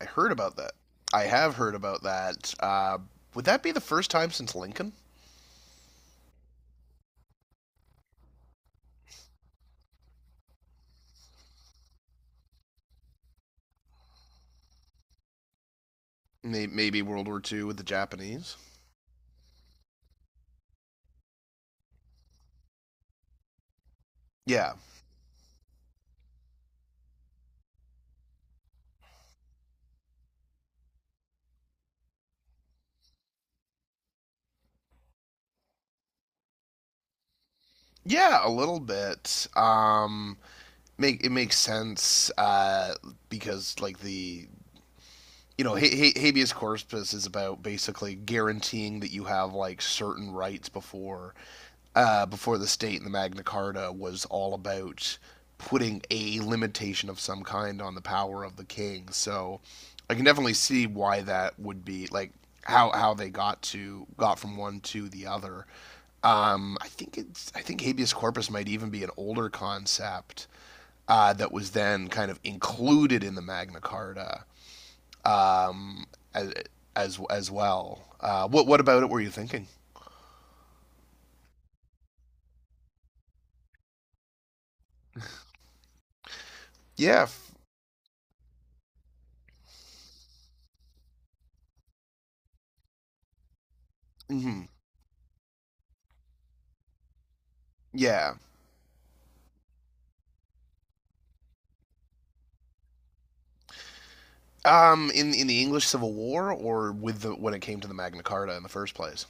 I heard about that. I have heard about that. Would that be the first time since Lincoln? Maybe World War Two with the Japanese. Yeah, yeah, a little bit. Make it makes sense, because like the you know, ha- ha- habeas corpus is about basically guaranteeing that you have like certain rights before, before the state. And the Magna Carta was all about putting a limitation of some kind on the power of the king. So I can definitely see why that would be like how they got to got from one to the other. I think it's I think habeas corpus might even be an older concept that was then kind of included in the Magna Carta, um, as as well. What about it were you thinking? Yeah, hmm, yeah. In the English Civil War, or with the when it came to the Magna Carta in the first place.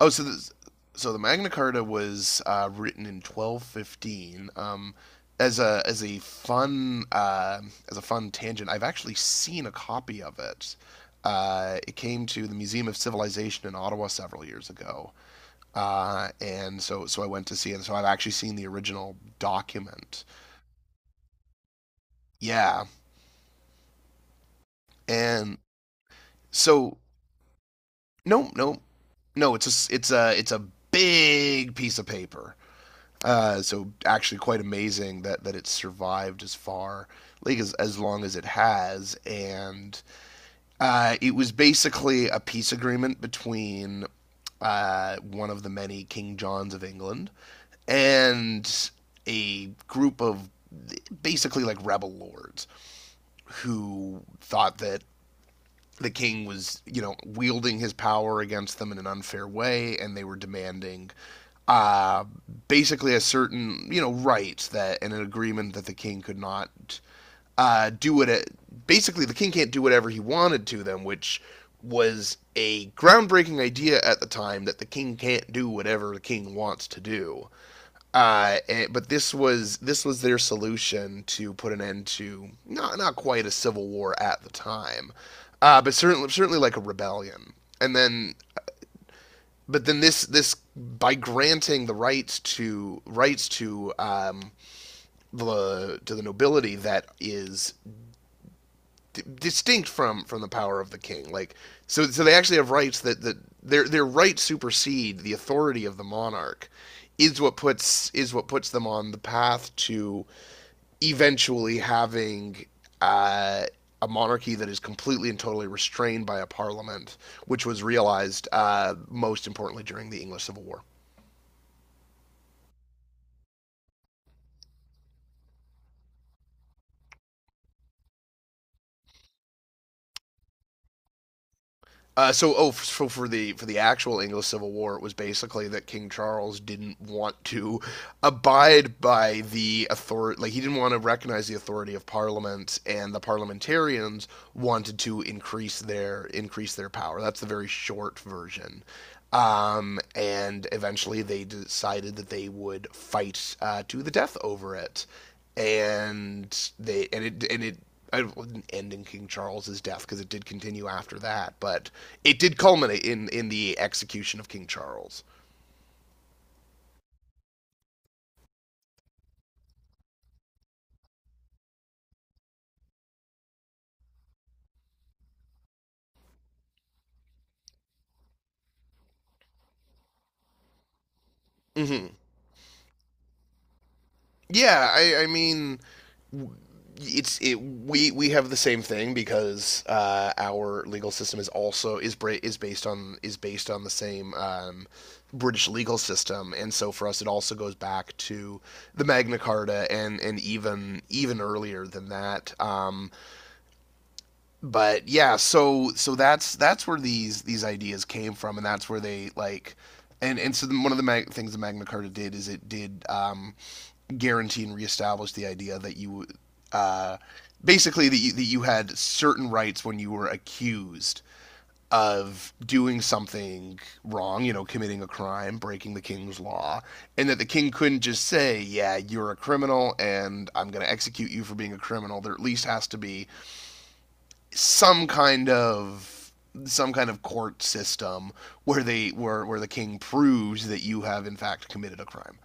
Oh, so the Magna Carta was, written in 1215. As a fun tangent, I've actually seen a copy of it. It came to the Museum of Civilization in Ottawa several years ago, and so I went to see it. So I've actually seen the original document. Yeah, and so no, no, no. It's a big piece of paper. So actually, quite amazing that it survived as far like as long as it has. And it was basically a peace agreement between, one of the many King Johns of England and a group of basically like rebel lords who thought that the king was, you know, wielding his power against them in an unfair way, and they were demanding, uh, basically a certain, you know, right that and an agreement that the king could not, do it, basically the king can't do whatever he wanted to them, which was a groundbreaking idea at the time that the king can't do whatever the king wants to do. And, but this was their solution to put an end to not quite a civil war at the time, but certainly like a rebellion. And then but then this by granting the rights to rights to, the to the nobility that is distinct from the power of the king. Like so, they actually have rights that their rights supersede the authority of the monarch. Is what puts them on the path to eventually having, uh, a monarchy that is completely and totally restrained by a parliament, which was realized, most importantly during the English Civil War. So for the actual English Civil War, it was basically that King Charles didn't want to abide by the authority, like he didn't want to recognize the authority of Parliament, and the parliamentarians wanted to increase their power. That's the very short version. And eventually, they decided that they would fight, to the death over it, and it I didn't end in King Charles's death because it did continue after that. But it did culminate in the execution of King Charles. Hmm. Yeah, I mean, we have the same thing because, our legal system is also is based on the same, British legal system, and so for us it also goes back to the Magna Carta and even earlier than that. But yeah, so that's where these ideas came from, and that's where they like. And so one of the things the Magna Carta did is it did, guarantee and reestablish the idea that you, uh, basically that you had certain rights when you were accused of doing something wrong, you know, committing a crime, breaking the king's law, and that the king couldn't just say, "Yeah, you're a criminal, and I'm going to execute you for being a criminal." There at least has to be some kind of some kind of court system where they where the king proves that you have in fact committed a crime.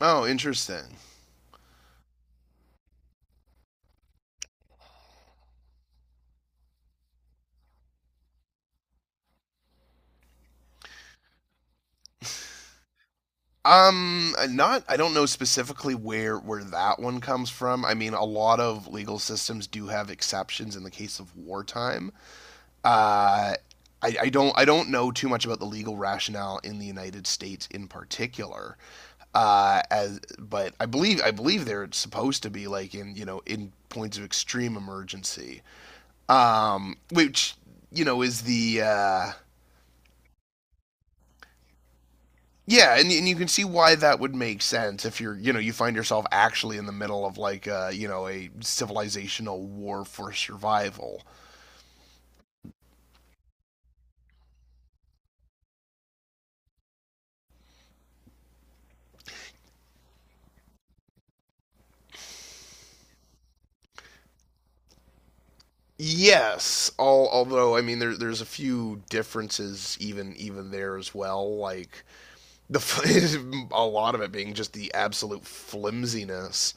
Oh, interesting. Not I don't know specifically where that one comes from. I mean, a lot of legal systems do have exceptions in the case of wartime. Uh, I don't know too much about the legal rationale in the United States in particular. As but I believe they're supposed to be like in, you know, in points of extreme emergency, which you know is the yeah. And you can see why that would make sense if you're, you know, you find yourself actually in the middle of like a, you know, a civilizational war for survival. Yes, although I mean there's a few differences even there as well. Like the a lot of it being just the absolute flimsiness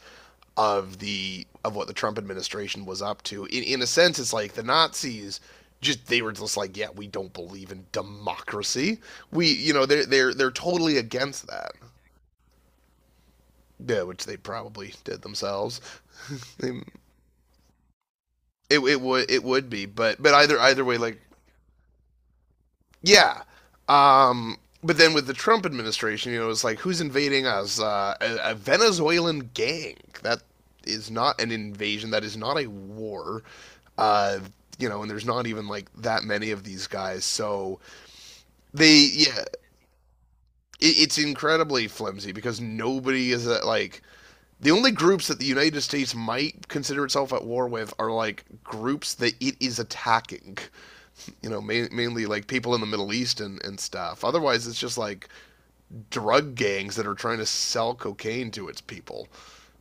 of the of what the Trump administration was up to. In a sense, it's like the Nazis just they were just like, yeah, we don't believe in democracy. We you know they're totally against that. Yeah, which they probably did themselves. It would be, but either way, like yeah. Um, but then with the Trump administration, you know, it's like who's invading us? A Venezuelan gang. That is not an invasion. That is not a war. Uh, you know, and there's not even like that many of these guys. So they, yeah, it's incredibly flimsy because nobody is at, like the only groups that the United States might consider itself at war with are like groups that it is attacking. You know, mainly like people in the Middle East and stuff. Otherwise, it's just like drug gangs that are trying to sell cocaine to its people.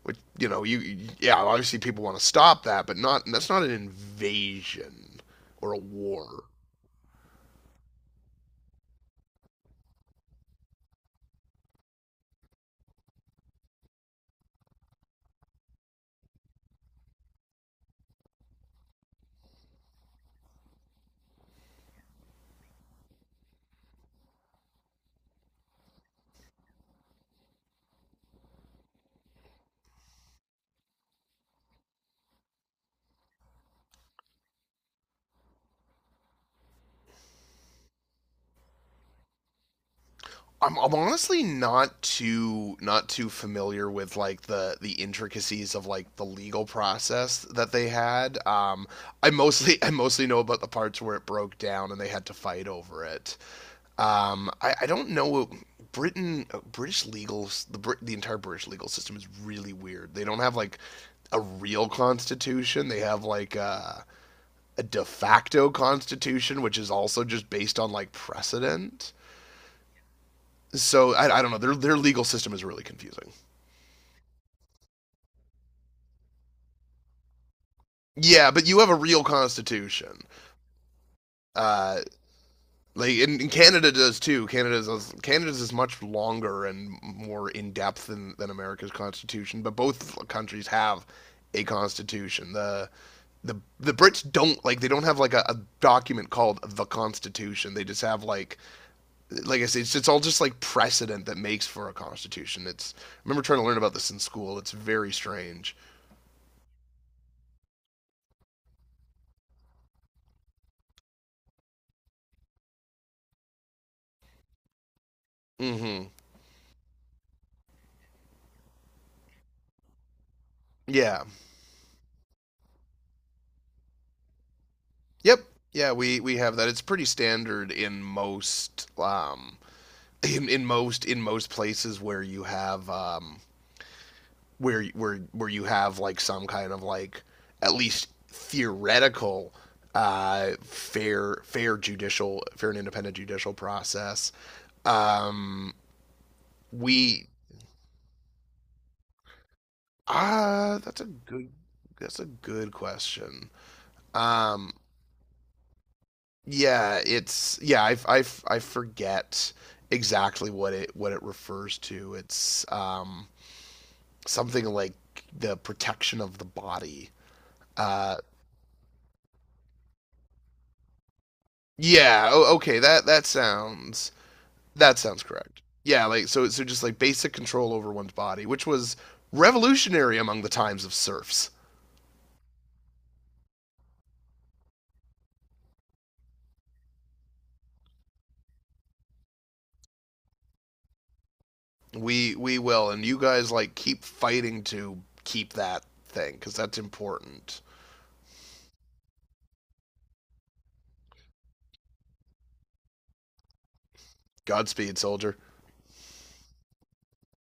Which you know, yeah, obviously people want to stop that, but not that's not an invasion or a war. I'm honestly not too familiar with like the intricacies of like the legal process that they had. I mostly I mostly know about the parts where it broke down and they had to fight over it. I don't know. Britain, British legal, the Brit, the entire British legal system is really weird. They don't have like a real constitution. They have like a de facto constitution, which is also just based on like precedent. So I don't know. Their legal system is really confusing. Yeah, but you have a real constitution. Uh, Like and Canada does too. Canada's is much longer and more in depth than America's constitution, but both countries have a constitution. The Brits don't like they don't have like a document called the Constitution. They just have like I said, it's all just like precedent that makes for a constitution. It's I remember trying to learn about this in school. It's very strange. Mm-hmm. Yeah. Yep. Yeah, we have that. It's pretty standard in most, in most places where you have, where you have like some kind of like at least theoretical, fair and independent judicial process. Um, we ah that's a good question. Um, yeah, it's yeah I forget exactly what it refers to. It's, something like the protection of the body. Uh, yeah, okay, that sounds correct. Yeah, like so, just like basic control over one's body, which was revolutionary among the times of serfs. We will, and you guys like keep fighting to keep that thing because that's important. Godspeed, soldier.